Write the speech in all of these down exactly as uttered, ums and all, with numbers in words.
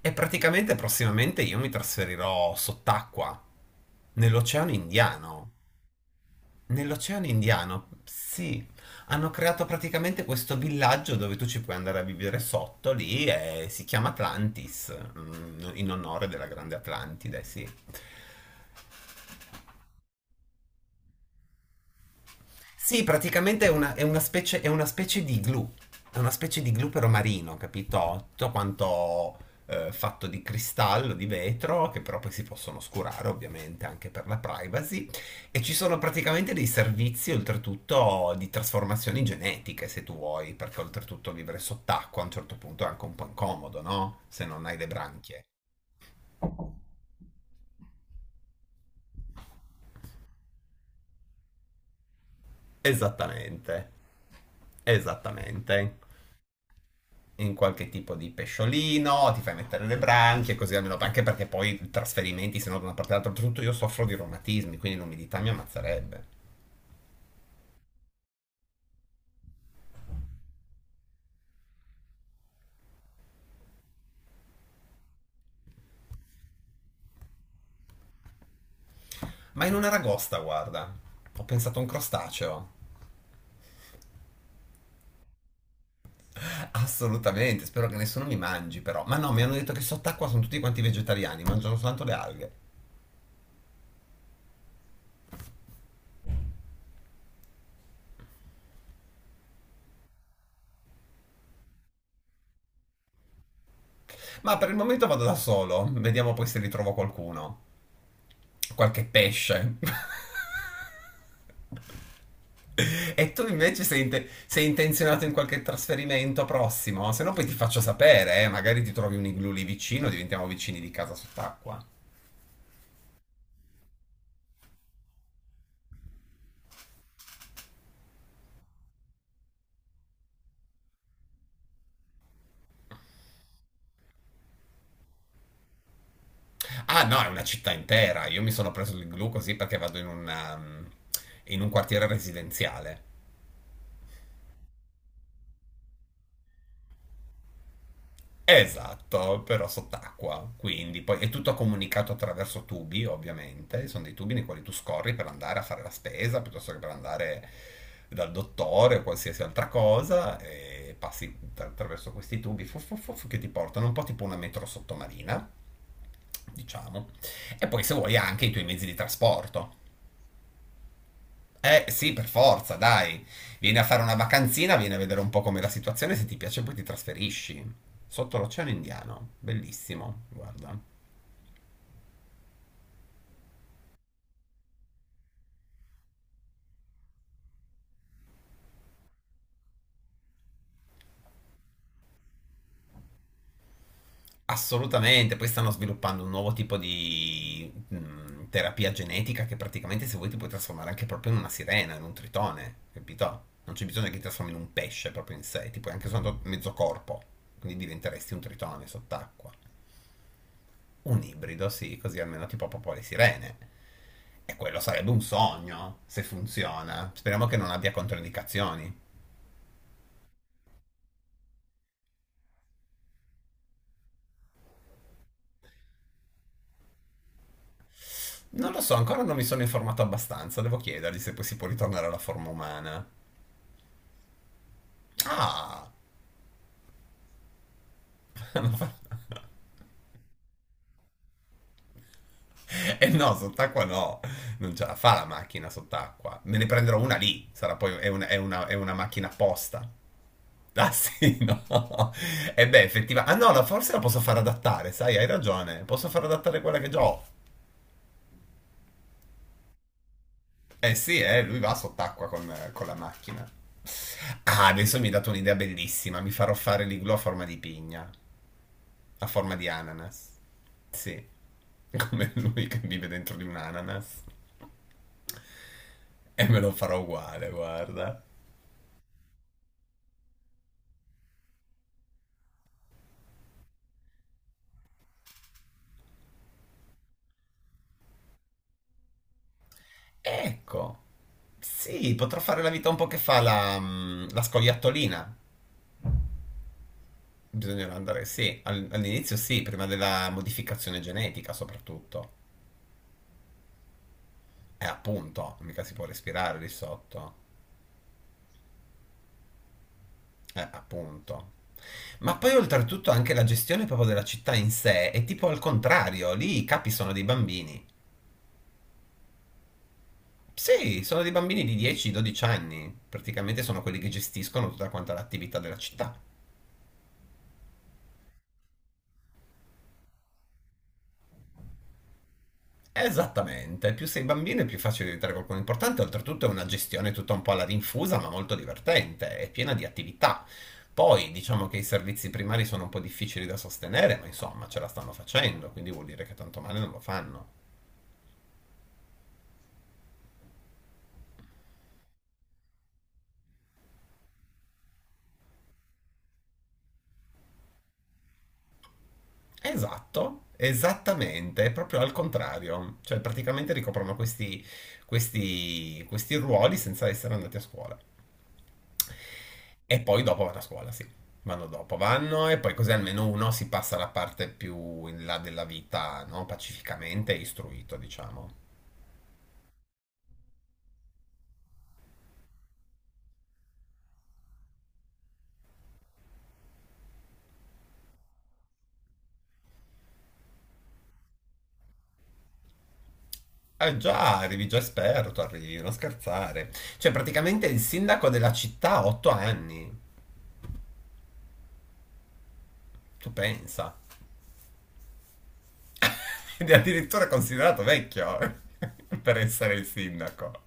E praticamente prossimamente io mi trasferirò sott'acqua, nell'Oceano Indiano. Nell'Oceano Indiano, sì, hanno creato praticamente questo villaggio dove tu ci puoi andare a vivere sotto lì e si chiama Atlantis, mm, in onore della grande Atlantide, sì. Sì, praticamente è una, è una specie, è una specie di glue. È una specie di glue però marino, capito? Tutto quanto eh, fatto di cristallo, di vetro, che però poi si possono oscurare ovviamente anche per la privacy. E ci sono praticamente dei servizi oltretutto di trasformazioni genetiche, se tu vuoi, perché oltretutto vivere sott'acqua a un certo punto è anche un po' incomodo, no? Se non hai le branchie. Esattamente. Esattamente. In qualche tipo di pesciolino, ti fai mettere le branchie, così almeno anche perché poi i trasferimenti, se no da una parte all'altra, tutto io soffro di reumatismi, quindi l'umidità mi ammazzerebbe. Ma in una ragosta, guarda, ho pensato a un crostaceo. Eh, Assolutamente, spero che nessuno mi mangi però. Ma no, mi hanno detto che sott'acqua sono tutti quanti vegetariani, mangiano soltanto le alghe. Ma per il momento vado da solo, vediamo poi se ritrovo qualcuno. Qualche pesce. E tu invece sei, inte- sei intenzionato in qualche trasferimento prossimo? Se no poi ti faccio sapere, eh, magari ti trovi un igloo lì vicino, diventiamo vicini di casa sott'acqua. Ah no, è una città intera, io mi sono preso l'igloo così perché vado in un, um, in un quartiere residenziale. Esatto, però sott'acqua, quindi poi è tutto comunicato attraverso tubi, ovviamente, sono dei tubi nei quali tu scorri per andare a fare la spesa, piuttosto che per andare dal dottore o qualsiasi altra cosa, e passi tra- attraverso questi tubi fu- fu- fu- fu- che ti portano un po' tipo una metro sottomarina, diciamo, e poi se vuoi anche i tuoi mezzi di trasporto. Eh sì, per forza, dai. Vieni a fare una vacanzina, vieni a vedere un po' com'è la situazione, se ti piace poi ti trasferisci. Sotto l'Oceano Indiano, bellissimo, guarda. Assolutamente, poi stanno sviluppando un nuovo tipo di mh, terapia genetica che praticamente se vuoi ti puoi trasformare anche proprio in una sirena, in un tritone, capito? Non c'è bisogno che ti trasformi in un pesce proprio in sé, ti puoi anche soltanto mezzo corpo, quindi diventeresti un tritone sott'acqua. Un ibrido, sì, così almeno tipo Popò le sirene. E quello sarebbe un sogno, se funziona. Speriamo che non abbia controindicazioni. Non lo so, ancora non mi sono informato abbastanza, devo chiedergli se poi si può ritornare alla forma umana. Ah! E no, sott'acqua no, non ce la fa la macchina sott'acqua. Me ne prenderò una lì, sarà poi, è una, è una- è una macchina apposta. Ah sì, no. E beh, effettivamente. Ah no, la- forse la posso far adattare, sai, hai ragione. Posso far adattare quella che già ho. Eh sì, eh, lui va sott'acqua con, con la macchina. Ah, adesso mi hai dato un'idea bellissima. Mi farò fare l'igloo a forma di pigna, a forma di ananas. Sì, come lui che vive dentro di un ananas. E me lo farò uguale, guarda. Ecco. Sì, potrò fare la vita un po' che fa la, mm, la scoiattolina. Bisognerà andare, sì, al- all'inizio sì, prima della modificazione genetica soprattutto. Eh, appunto, mica si può respirare lì sotto. Eh, appunto. Ma poi oltretutto anche la gestione proprio della città in sé è tipo al contrario, lì i capi sono dei bambini. Sì, sono dei bambini di dieci dodici anni, praticamente sono quelli che gestiscono tutta quanta l'attività della città. Esattamente, più sei bambino è più facile diventare qualcuno importante, oltretutto è una gestione tutta un po' alla rinfusa, ma molto divertente, è piena di attività. Poi diciamo che i servizi primari sono un po' difficili da sostenere, ma insomma ce la stanno facendo, quindi vuol dire che tanto male non lo fanno. Esatto, esattamente, è proprio al contrario, cioè praticamente ricoprono questi, questi, questi ruoli senza essere andati a scuola. E poi dopo vanno a scuola, sì. Vanno dopo, vanno e poi così almeno uno si passa la parte più in là della vita, no? Pacificamente e istruito, diciamo. Eh già, arrivi già esperto, arrivi, non scherzare. Cioè, praticamente il sindaco della città ha otto anni. Tu pensa. Ed è addirittura considerato vecchio per essere il sindaco.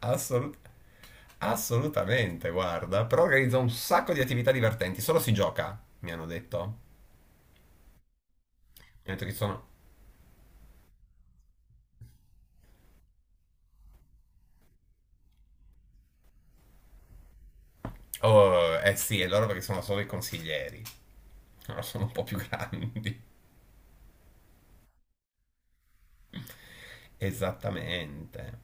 Assolut- assolutamente, guarda. Però organizza un sacco di attività divertenti, solo si gioca, mi hanno detto. Mi hanno detto che ci sono. Oh, eh sì, è loro perché sono solo i consiglieri. Loro sono un po' più grandi. Esattamente.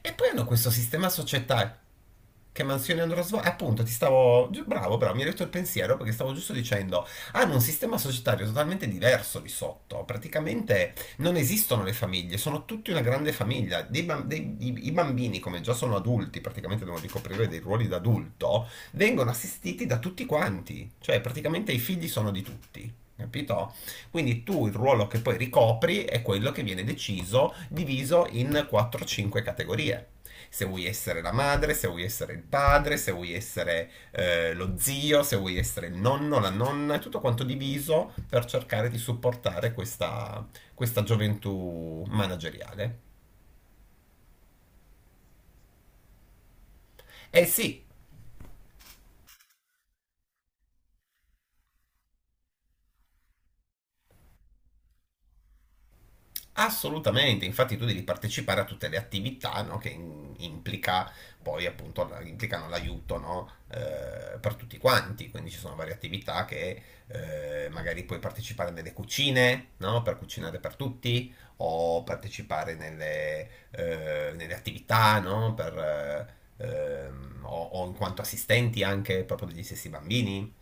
E poi hanno questo sistema societario. Che mansioni andrò a svolgere? Appunto, ti stavo. gi- Bravo, bravo, mi hai detto il pensiero perché stavo giusto dicendo. Hanno un sistema societario totalmente diverso lì sotto. Praticamente non esistono le famiglie, sono tutti una grande famiglia. Dei bam- dei- i, I bambini, come già sono adulti, praticamente devono ricoprire dei ruoli da adulto, vengono assistiti da tutti quanti. Cioè, praticamente i figli sono di tutti. Capito? Quindi tu il ruolo che poi ricopri è quello che viene deciso, diviso in quattro cinque categorie. Se vuoi essere la madre, se vuoi essere il padre, se vuoi essere eh, lo zio, se vuoi essere il nonno, la nonna, è tutto quanto diviso per cercare di supportare questa, questa gioventù manageriale. E sì, assolutamente, infatti tu devi partecipare a tutte le attività, no, che in- implica poi appunto la- implicano l'aiuto, no, eh, per tutti quanti, quindi ci sono varie attività che eh, magari puoi partecipare nelle cucine, no, per cucinare per tutti, o partecipare nelle, eh, nelle attività, no, per, eh, ehm, o, o in quanto assistenti anche proprio degli stessi bambini,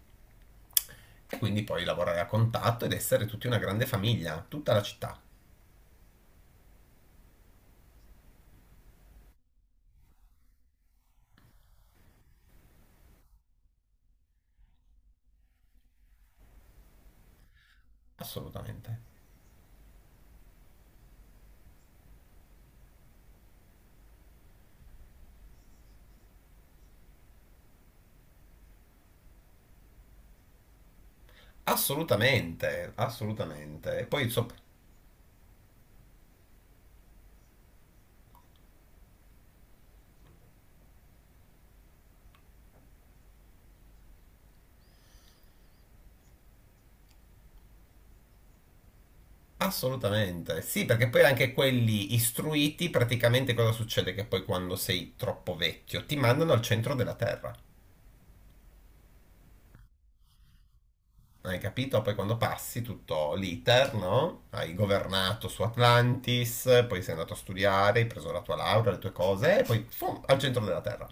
e quindi poi lavorare a contatto ed essere tutti una grande famiglia, tutta la città, assolutamente. Assolutamente, assolutamente. E poi insomma, assolutamente. Sì, perché poi anche quelli istruiti, praticamente cosa succede? Che poi quando sei troppo vecchio ti mandano al centro della terra. Hai capito? Poi quando passi tutto l'iter, no? Hai governato su Atlantis, poi sei andato a studiare, hai preso la tua laurea, le tue cose, e poi fum, al centro della terra.